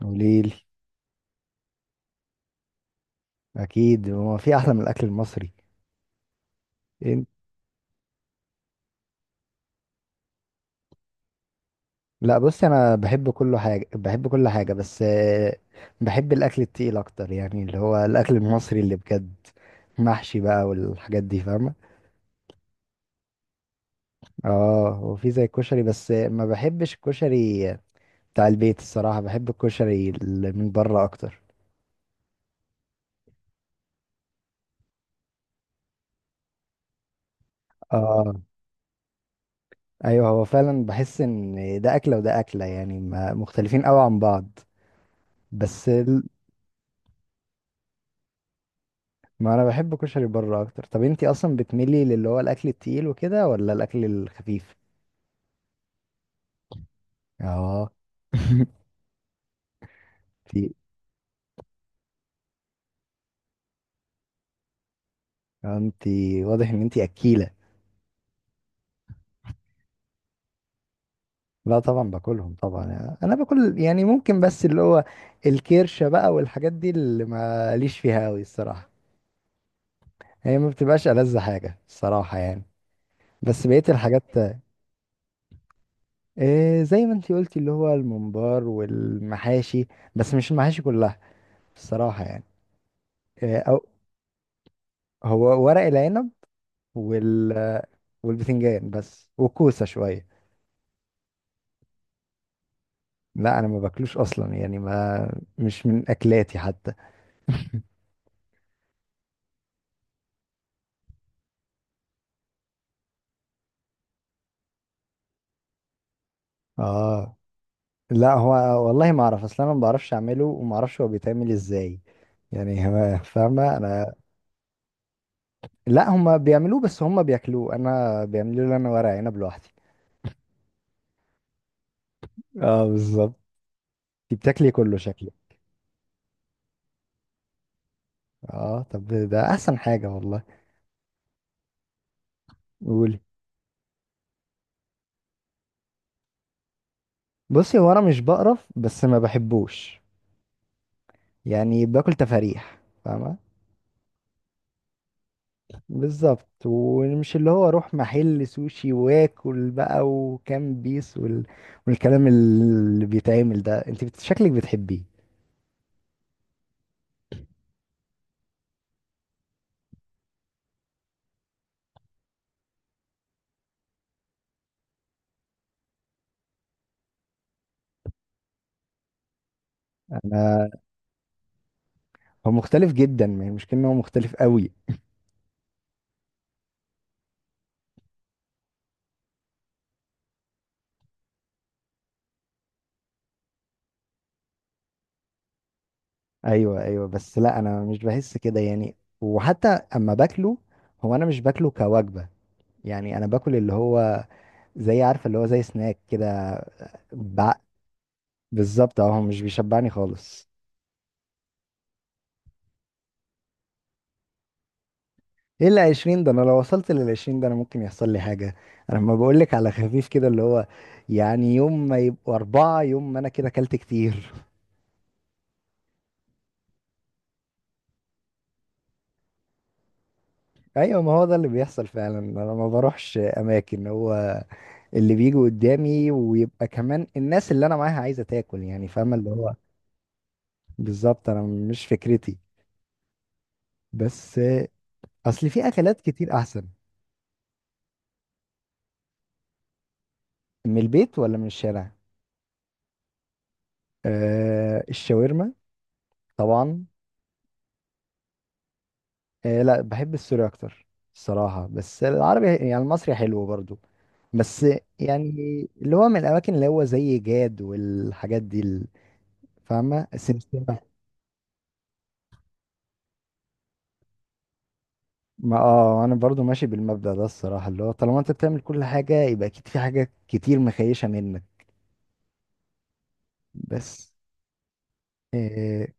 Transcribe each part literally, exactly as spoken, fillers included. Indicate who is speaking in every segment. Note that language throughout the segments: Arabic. Speaker 1: قوليلي. اكيد هو في احلى من الاكل المصري. إن- لا بصي، انا بحب كل حاجه بحب كل حاجه بس آه، بحب الاكل التقيل اكتر، يعني اللي هو الاكل المصري اللي بجد. محشي بقى والحاجات دي، فاهمه. اه هو في زي الكشري بس آه، ما بحبش الكشري بتاع البيت الصراحه، بحب الكشري اللي من بره اكتر. اه ايوه، هو فعلا بحس ان ده اكله وده اكله، يعني ما- مختلفين قوي عن بعض. بس ال- ما انا بحب كشري بره اكتر. طب انتي اصلا بتميلي للي هو الاكل التقيل وكده ولا الاكل الخفيف؟ اه. انتي، انتي واضح ان انتي اكيلة. لا طبعا باكلهم طبعا، انا باكل يعني ممكن، بس اللي هو الكرشة بقى والحاجات دي اللي ماليش فيها قوي الصراحة. هي ما بتبقاش ألذ حاجة الصراحة يعني، بس بقية الحاجات. إيه زي ما انتي قلتي، اللي هو الممبار والمحاشي، بس مش المحاشي كلها الصراحة يعني. إيه أو هو ورق العنب، وال والبتنجان بس، وكوسة شوية. لا انا ما باكلوش اصلا، يعني ما مش من اكلاتي حتى. اه لا هو، والله ما اعرف اصلا، انا ما بعرفش اعمله وما اعرفش هو بيتعمل ازاي يعني. هو- فاهمة انا. لا هما بيعملوه، بس هما بياكلوه، انا بيعملوا لي انا ورق عنب لوحدي. اه بالظبط. انت بتاكلي كله شكلك. اه طب ده احسن حاجة والله. قولي. بصي هو انا مش بقرف، بس ما بحبوش، يعني باكل تفاريح، فاهمة. بالظبط، ومش اللي هو اروح محل سوشي واكل بقى وكام بيس وال... والكلام اللي بيتعمل ده. انت بت- شكلك بتحبيه. انا هو مختلف جدا، ما هي المشكله ان هو مختلف قوي. ايوه ايوه، بس لا انا مش بحس كده يعني. وحتى اما باكله، هو انا مش باكله كوجبه، يعني انا باكل اللي هو زي، عارفه اللي هو زي سناك كده. بع- بالظبط، اهو مش بيشبعني خالص. ايه ال عشرين ده؟ انا لو وصلت لل عشرين ده انا ممكن يحصل لي حاجه. انا لما بقول لك على خفيف كده اللي هو يعني يوم ما يبقوا اربعه، يوم ما انا كده اكلت كتير. ايوه، ما هو ده اللي بيحصل فعلا، انا ما بروحش اماكن، هو اللي بيجي قدامي ويبقى كمان الناس اللي انا معاها عايزه تاكل، يعني فاهمه اللي هو. بالظبط، انا مش فكرتي، بس اصل في اكلات كتير احسن. من البيت ولا من الشارع؟ أه الشاورما طبعا. إيه لا بحب السوري اكتر الصراحه، بس العربي يعني المصري حلو برضو. بس يعني اللي هو من الاماكن اللي هو زي جاد والحاجات دي ال- فاهمه السمسمه. ما اه، انا برضو ماشي بالمبدأ ده الصراحه، اللي هو طالما انت بتعمل كل حاجه يبقى اكيد في حاجه كتير مخيشه منك. بس إيه،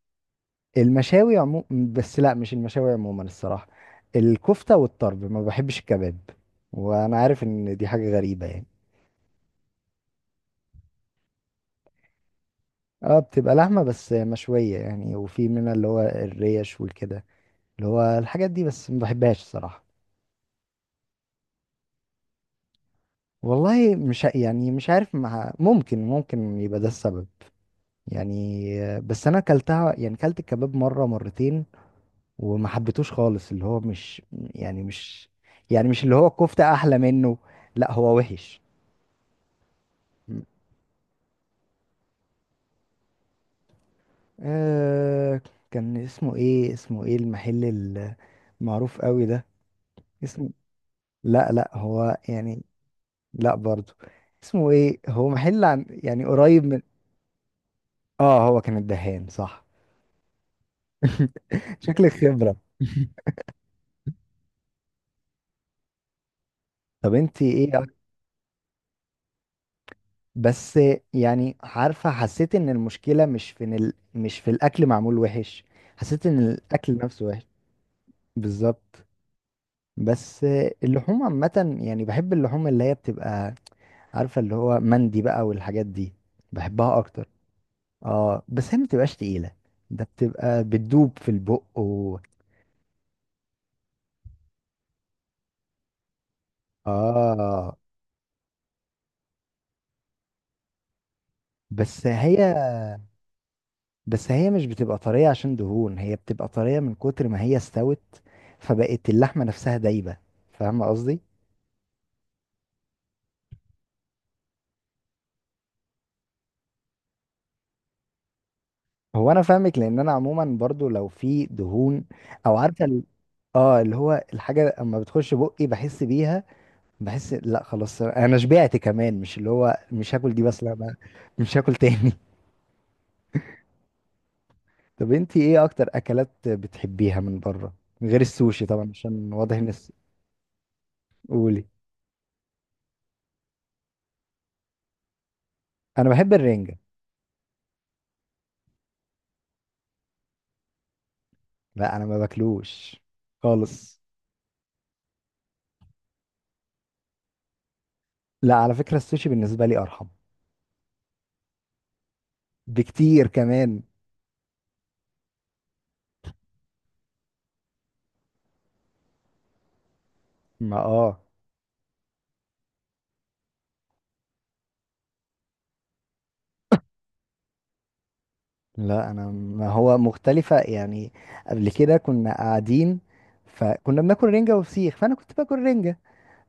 Speaker 1: المشاوي عموما، بس لا مش المشاوي عموما الصراحه، الكفته والطرب، ما بحبش الكباب. وانا عارف ان دي حاجه غريبه يعني. اه بتبقى لحمة بس مشوية يعني، وفي منها اللي هو الريش والكده، اللي هو الحاجات دي، بس ما بحبهاش صراحة. والله مش ع- يعني مش عارف، مع ممكن ممكن يبقى ده السبب يعني آه، بس انا اكلتها يعني، اكلت الكباب مرة مرتين وما حبيتوش خالص. اللي هو مش يعني مش يعني مش اللي هو الكفتة احلى منه. لا هو وحش. آه كان اسمه ايه، اسمه ايه المحل المعروف قوي ده. اسمه لا لا هو يعني. لا برضو. اسمه ايه؟ هو محل عن يعني قريب من. اه هو كان الدهان صح. شكلك خبرة. طب انت ايه أك- بس يعني، عارفة حسيت ان المشكلة مش في إن ال... مش في الاكل معمول وحش، حسيت ان الاكل نفسه وحش. بالظبط. بس اللحوم عامة يعني بحب، اللحوم اللي هي بتبقى، عارفة اللي هو مندي بقى والحاجات دي، بحبها اكتر. اه بس هي ما بتبقاش تقيلة، ده بتبقى بتدوب في البق و... اه. بس هي بس هي مش بتبقى طرية عشان دهون، هي بتبقى طرية من كتر ما هي استوت، فبقت اللحمة نفسها دايبة. فاهم قصدي؟ هو انا فاهمك، لان انا عموما برضو لو في دهون او عارفة ال- اه اللي هو الحاجة اما بتخش بقي بحس بيها، بحس لا خلاص انا شبعت، كمان مش اللي هو مش هاكل دي، بس لا، أنا مش هاكل تاني. طب انتي ايه اكتر اكلات بتحبيها من بره؟ غير السوشي طبعا، عشان واضح ان الس- قولي. انا بحب الرنجة. لا انا ما باكلوش خالص. لا على فكرة السوشي بالنسبة لي ارحم بكتير كمان. ما اه لا انا، ما هو مختلفة يعني. قبل كده كنا قاعدين، فكنا بناكل رنجة وفسيخ، فانا كنت باكل رنجة،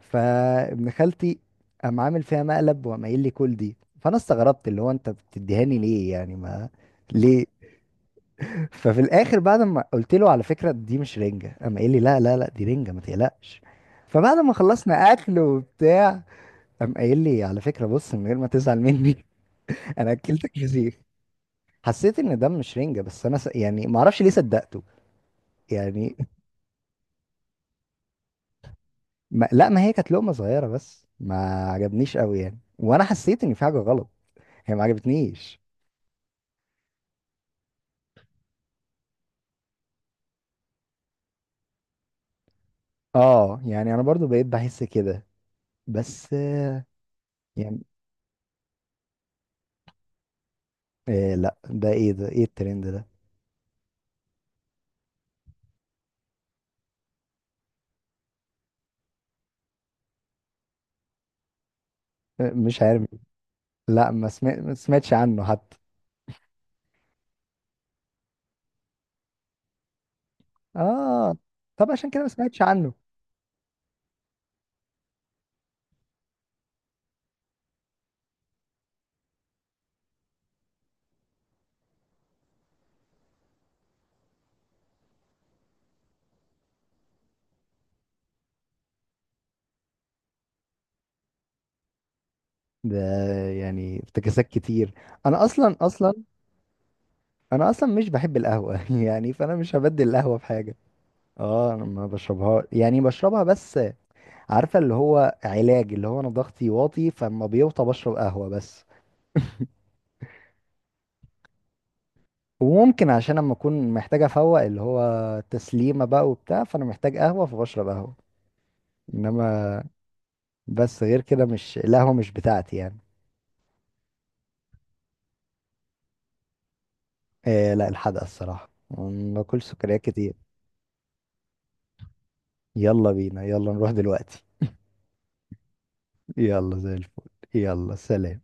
Speaker 1: فابن خالتي قام عامل فيها مقلب وقام قايل لي كل دي، فانا استغربت اللي هو انت بتديهاني ليه، يعني ما ليه. ففي الاخر بعد ما قلت له على فكرة دي مش رنجة، قام قايل لي لا لا لا دي رنجة ما تقلقش. فبعد ما خلصنا اكل وبتاع قام قايل لي على فكرة بص، من غير ما تزعل مني، أنا أكلتك فسيخ. حسيت إن ده مش رنجة، بس أنا س... يعني ما أعرفش ليه صدقته يعني. ما... لا، ما هي كانت لقمة صغيرة بس ما عجبنيش قوي يعني، وأنا حسيت إن في حاجة غلط، هي ما عجبتنيش. آه يعني أنا برضو بقيت بحس كده، بس آه، يعني. إيه لا ده إيه، ده إيه الترند ده؟ آه، مش عارف. لا ما, سمع... ما سمعتش عنه حتى. آه طب عشان كده ما سمعتش عنه. ده يعني افتكاسات كتير. انا اصلا اصلا انا اصلا مش بحب القهوه. يعني فانا مش هبدل القهوه بحاجه. اه انا ما بشربها، يعني بشربها بس عارفه اللي هو علاج، اللي هو انا ضغطي واطي، فاما بيوطى بشرب قهوه، بس وممكن عشان اما اكون محتاج افوق اللي هو تسليمه بقى وبتاع، فانا محتاج قهوه فبشرب قهوه. انما بس غير كده مش القهوه مش بتاعتي يعني. إيه لا الحدقه الصراحه، ما باكلش سكريات كتير. يلا بينا، يلا نروح دلوقتي. يلا زي الفل. يلا سلام.